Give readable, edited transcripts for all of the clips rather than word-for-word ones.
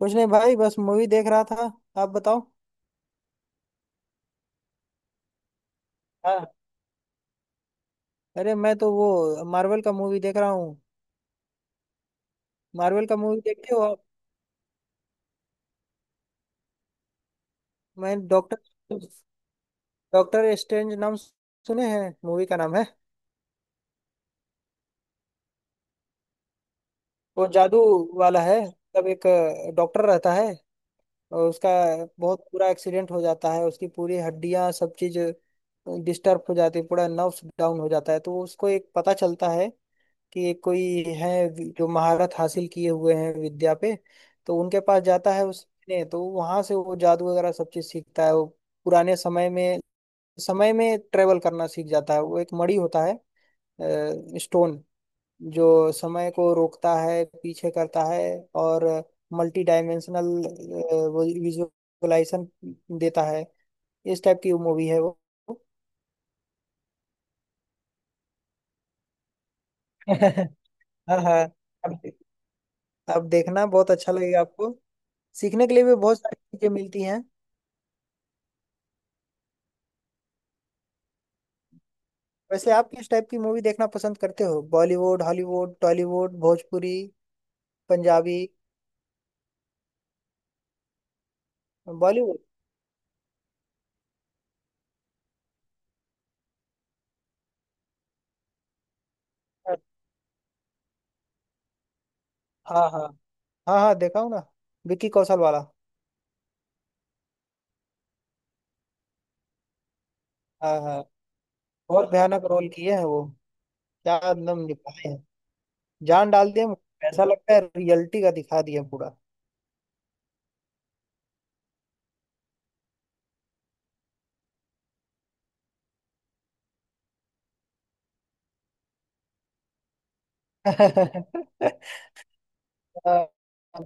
कुछ नहीं भाई, बस मूवी देख रहा था। आप बताओ। हाँ, अरे मैं तो वो मार्वल का मूवी देख रहा हूँ। मार्वल का मूवी देखते हो आप? मैं डॉक्टर डॉक्टर स्ट्रेंज नाम सुने हैं, मूवी का नाम है। वो जादू वाला है। तब एक डॉक्टर रहता है और उसका बहुत बुरा एक्सीडेंट हो जाता है, उसकी पूरी हड्डियां सब चीज डिस्टर्ब हो जाती है, पूरा नर्व्स डाउन हो जाता है। तो उसको एक पता चलता है कि कोई है जो महारत हासिल किए हुए हैं विद्या पे। तो उनके पास जाता है उस ने, तो वहां से वो जादू वगैरह सब चीज सीखता है वो। पुराने समय में ट्रेवल करना सीख जाता है। वो एक मणि होता है, स्टोन, जो समय को रोकता है, पीछे करता है, और मल्टी डायमेंशनल विजुअलाइजेशन देता है। इस टाइप की मूवी है वो। हाँ हाँ। अब देखना बहुत अच्छा लगेगा आपको। सीखने के लिए भी बहुत सारी चीजें मिलती हैं। वैसे आप किस टाइप की मूवी देखना पसंद करते हो, Bollywood, Hollywood, Tollywood, Bhojpuri, Punjabi? Bollywood. हाँ हाँ। हाँ हाँ, देखा हूँ ना। विक्की कौशल वाला। हाँ हाँ, बहुत भयानक रोल किए हैं वो। क्या एकदम निभाए हैं, जान डाल दिए। ऐसा लगता है रियलिटी का दिखा दिया पूरा। हाँ,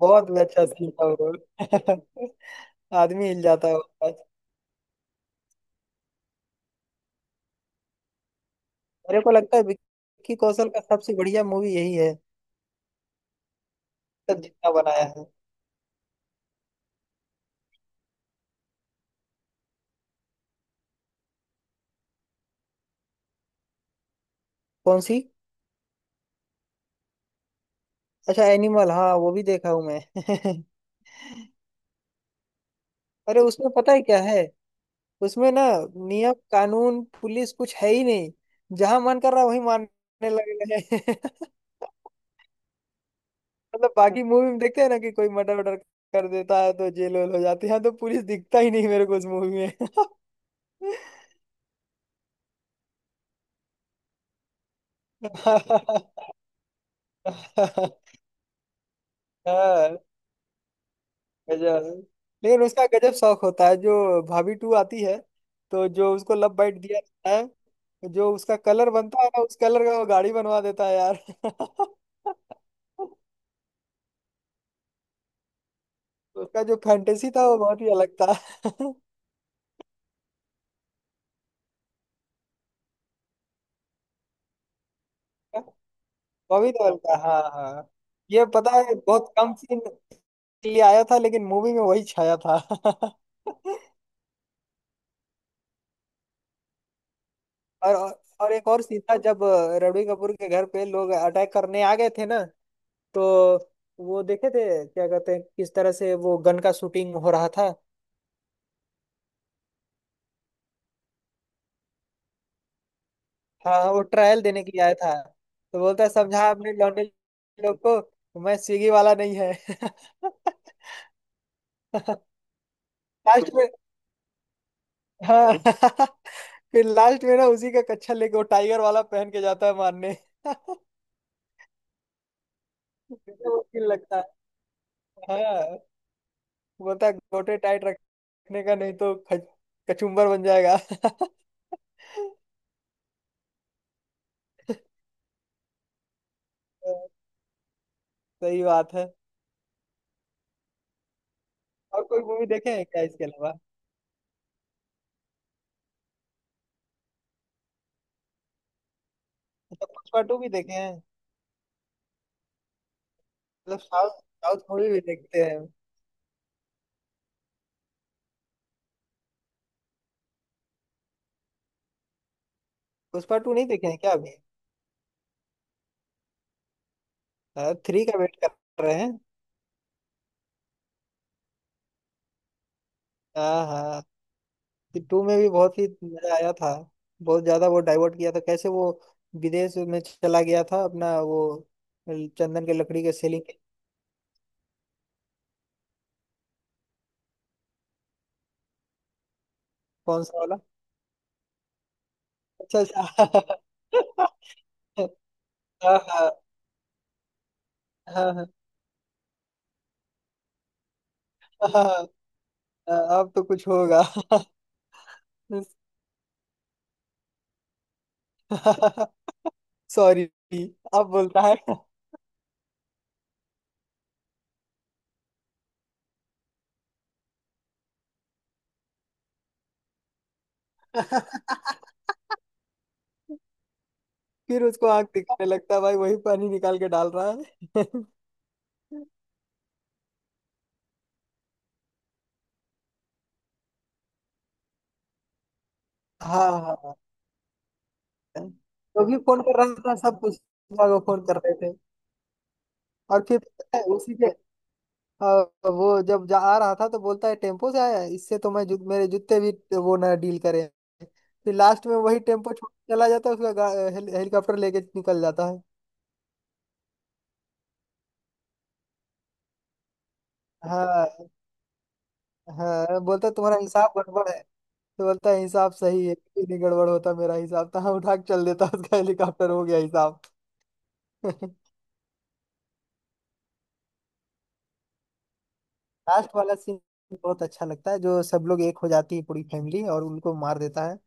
बहुत ही अच्छा सीन था वो रोल। आदमी हिल जाता है उसके बाद। मेरे को लगता है विक्की कौशल का सबसे बढ़िया मूवी यही है तक जितना बनाया है। कौन सी? अच्छा, एनिमल, हाँ, वो भी देखा हूँ मैं। अरे उसमें पता है क्या है? उसमें ना नियम कानून पुलिस कुछ है ही नहीं, जहां मन कर रहा वही मारने लगे हैं। मतलब बाकी मूवी में देखते हैं ना कि कोई मर्डर वर्डर कर देता है तो जेल वेल हो जाती है, यहाँ तो पुलिस दिखता ही नहीं मेरे को उस मूवी में। हाँ, गजब। लेकिन उसका गजब शौक होता है जो भाभी टू आती है, तो जो उसको लव बाइट दिया जाता है, जो उसका कलर बनता है ना, उस कलर का वो गाड़ी बनवा देता है यार। उसका जो फैंटेसी था वो बहुत ही अलग था। बॉबी देओल का, हाँ हाँ, ये पता है बहुत कम सीन के लिए आया था, लेकिन मूवी में वही छाया था। और एक और सीन था जब रणबीर कपूर के घर पे लोग अटैक करने आ गए थे ना, तो वो देखे थे क्या कहते हैं, किस तरह से वो गन का शूटिंग हो रहा था। हाँ वो ट्रायल देने के लिए आया था। तो बोलता है समझा अपने लौंडे लोग को, मैं स्विगी वाला नहीं है। लास्ट में, हाँ। फिर लास्ट में ना उसी का कच्छा लेके वो टाइगर वाला पहन के जाता है मारने। कितना मुश्किल लगता है। हाँ, बोलता है गोटे टाइट रखने का नहीं तो कचुम्बर बन जाएगा। सही बात है। और कोई मूवी देखे हैं क्या इसके अलावा? मतलब पुष्पा टू भी देखे हैं? मतलब साउथ साउथ मूवी भी देखते हैं? पुष्पा टू नहीं देखे हैं क्या अभी? थ्री का वेट कर रहे हैं। हाँ हाँ। टू में भी बहुत ही मजा आया था। बहुत ज्यादा वो डाइवर्ट किया था, कैसे वो विदेश में चला गया था अपना वो चंदन के लकड़ी के सेलिंग के। कौन सा वाला? अच्छा अच्छा। हाँ हाँ हाँ। हाँ हाँ, अब तो कुछ होगा। सॉरी, अब बोलता है। फिर उसको आंख दिखाने लगता है भाई, वही पानी निकाल के डाल रहा है। हाँ हाँ हाँ। तो भी फोन कर रहा था सब कुछ, को फोन कर रहे थे। और फिर पता है उसी के, अ, वो जब जा आ रहा था तो बोलता है टेम्पो से आया है, इससे तो मैं मेरे जूते भी वो ना डील करें। फिर लास्ट में वही टेम्पो छोड़ के चला जाता है उसका हेलीकॉप्टर लेके निकल जाता है। हाँ हाँ, बोलता तुम्हारा हिसाब गड़बड़ है, तो बोलता है हिसाब सही है, कुछ नहीं गड़बड़, होता मेरा हिसाब, था उठा के चल देता, उसका हेलीकॉप्टर, हो गया हिसाब। लास्ट वाला सीन बहुत अच्छा लगता है, जो सब लोग एक हो जाती है पूरी फैमिली और उनको मार देता है,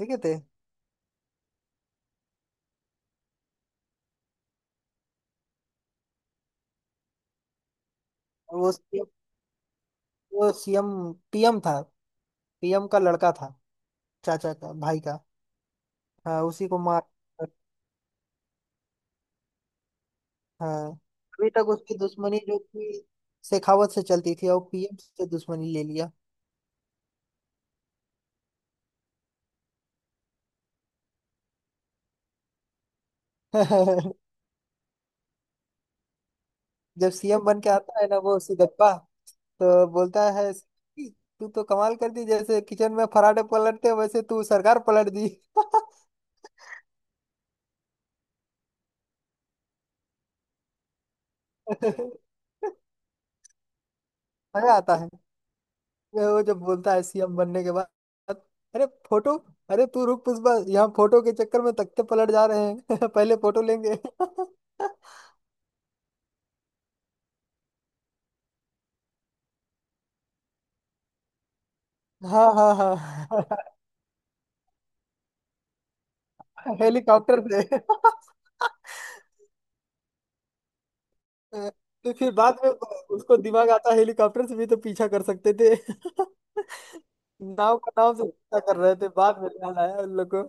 देखे थे। और वो CM, वो सीएम, पीएम था, पीएम का लड़का था, चाचा का भाई का। हाँ उसी को मार। हाँ, अभी तक उसकी दुश्मनी जो थी शेखावत से चलती थी, और पीएम से दुश्मनी ले लिया। जब सीएम बन के आता है ना वो सिद्दप्पा, तो बोलता है "कि तू तो कमाल कर दी, जैसे किचन में पराठे पलटते, वैसे तू सरकार पलट दी।" मजा आता है वो जब बोलता है सीएम बनने के बाद, अरे फोटो, अरे तू रुक पुष्पा, यहाँ फोटो के चक्कर में तख्ते पलट जा रहे हैं। पहले फोटो लेंगे। हाँ हाँ हाँ। हेलीकॉप्टर से। हाँ, तो फिर बाद में उसको दिमाग आता हेलीकॉप्टर से भी तो पीछा कर सकते थे। नाव का नाम से पीछा कर रहे थे, बाद में ध्यान आया उन लोग को।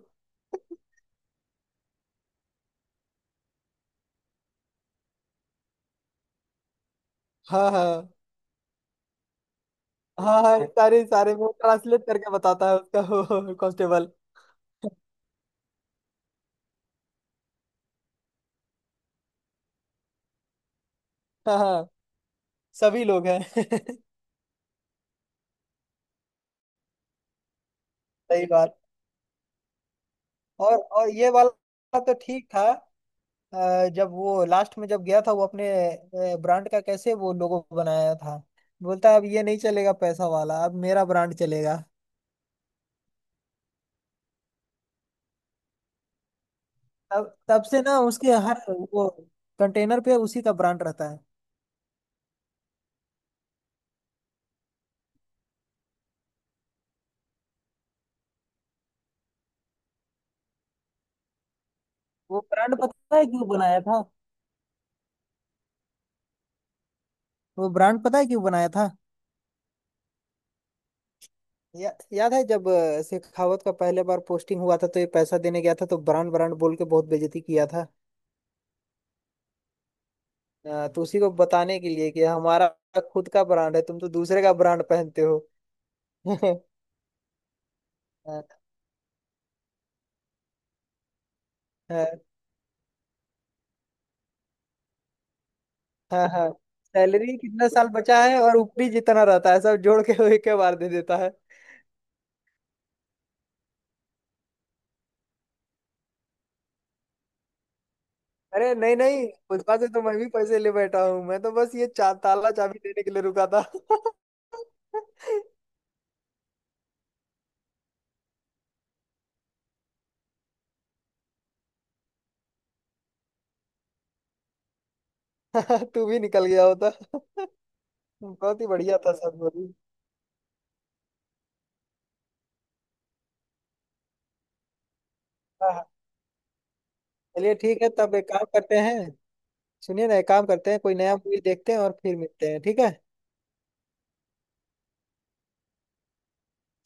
हाँ हाँ हाँ। हाँ सारे सारे वो ट्रांसलेट करके बताता है उसका, वो कांस्टेबल। हाँ हाँ, सभी लोग हैं। सही बात। और ये वाला तो ठीक था। जब वो लास्ट में जब गया था, वो अपने ब्रांड का कैसे वो लोगो बनाया था, बोलता है अब ये नहीं चलेगा पैसा वाला, अब मेरा ब्रांड चलेगा। तब तब से ना उसके हर वो कंटेनर पे उसी का ब्रांड रहता है। वो ब्रांड पता है क्यों बनाया था? वो ब्रांड पता है क्यों बनाया था याद है जब शेखावत का पहले बार पोस्टिंग हुआ था, तो ये पैसा देने गया था, तो ब्रांड ब्रांड बोल के बहुत बेइज्जती किया था। तो उसी को बताने के लिए कि हमारा खुद का ब्रांड है, तुम तो दूसरे का ब्रांड पहनते हो। हाँ हाँ हाँ। सैलरी कितना साल बचा है और ऊपरी जितना रहता है सब जोड़ के वो एक के बार दे देता है। अरे नहीं नहीं, पुष्पा से तो मैं भी पैसे ले बैठा हूँ, मैं तो बस ये ताला चाबी देने के लिए रुका था। तू भी निकल गया होता। बहुत ही बढ़िया था सब बोली। हाँ हाँ। चलिए ठीक है, तब एक काम करते हैं। सुनिए ना, एक काम करते हैं, कोई नया मूवी देखते हैं और फिर मिलते हैं, ठीक है?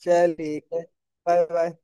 चलिए ठीक है, बाय बाय।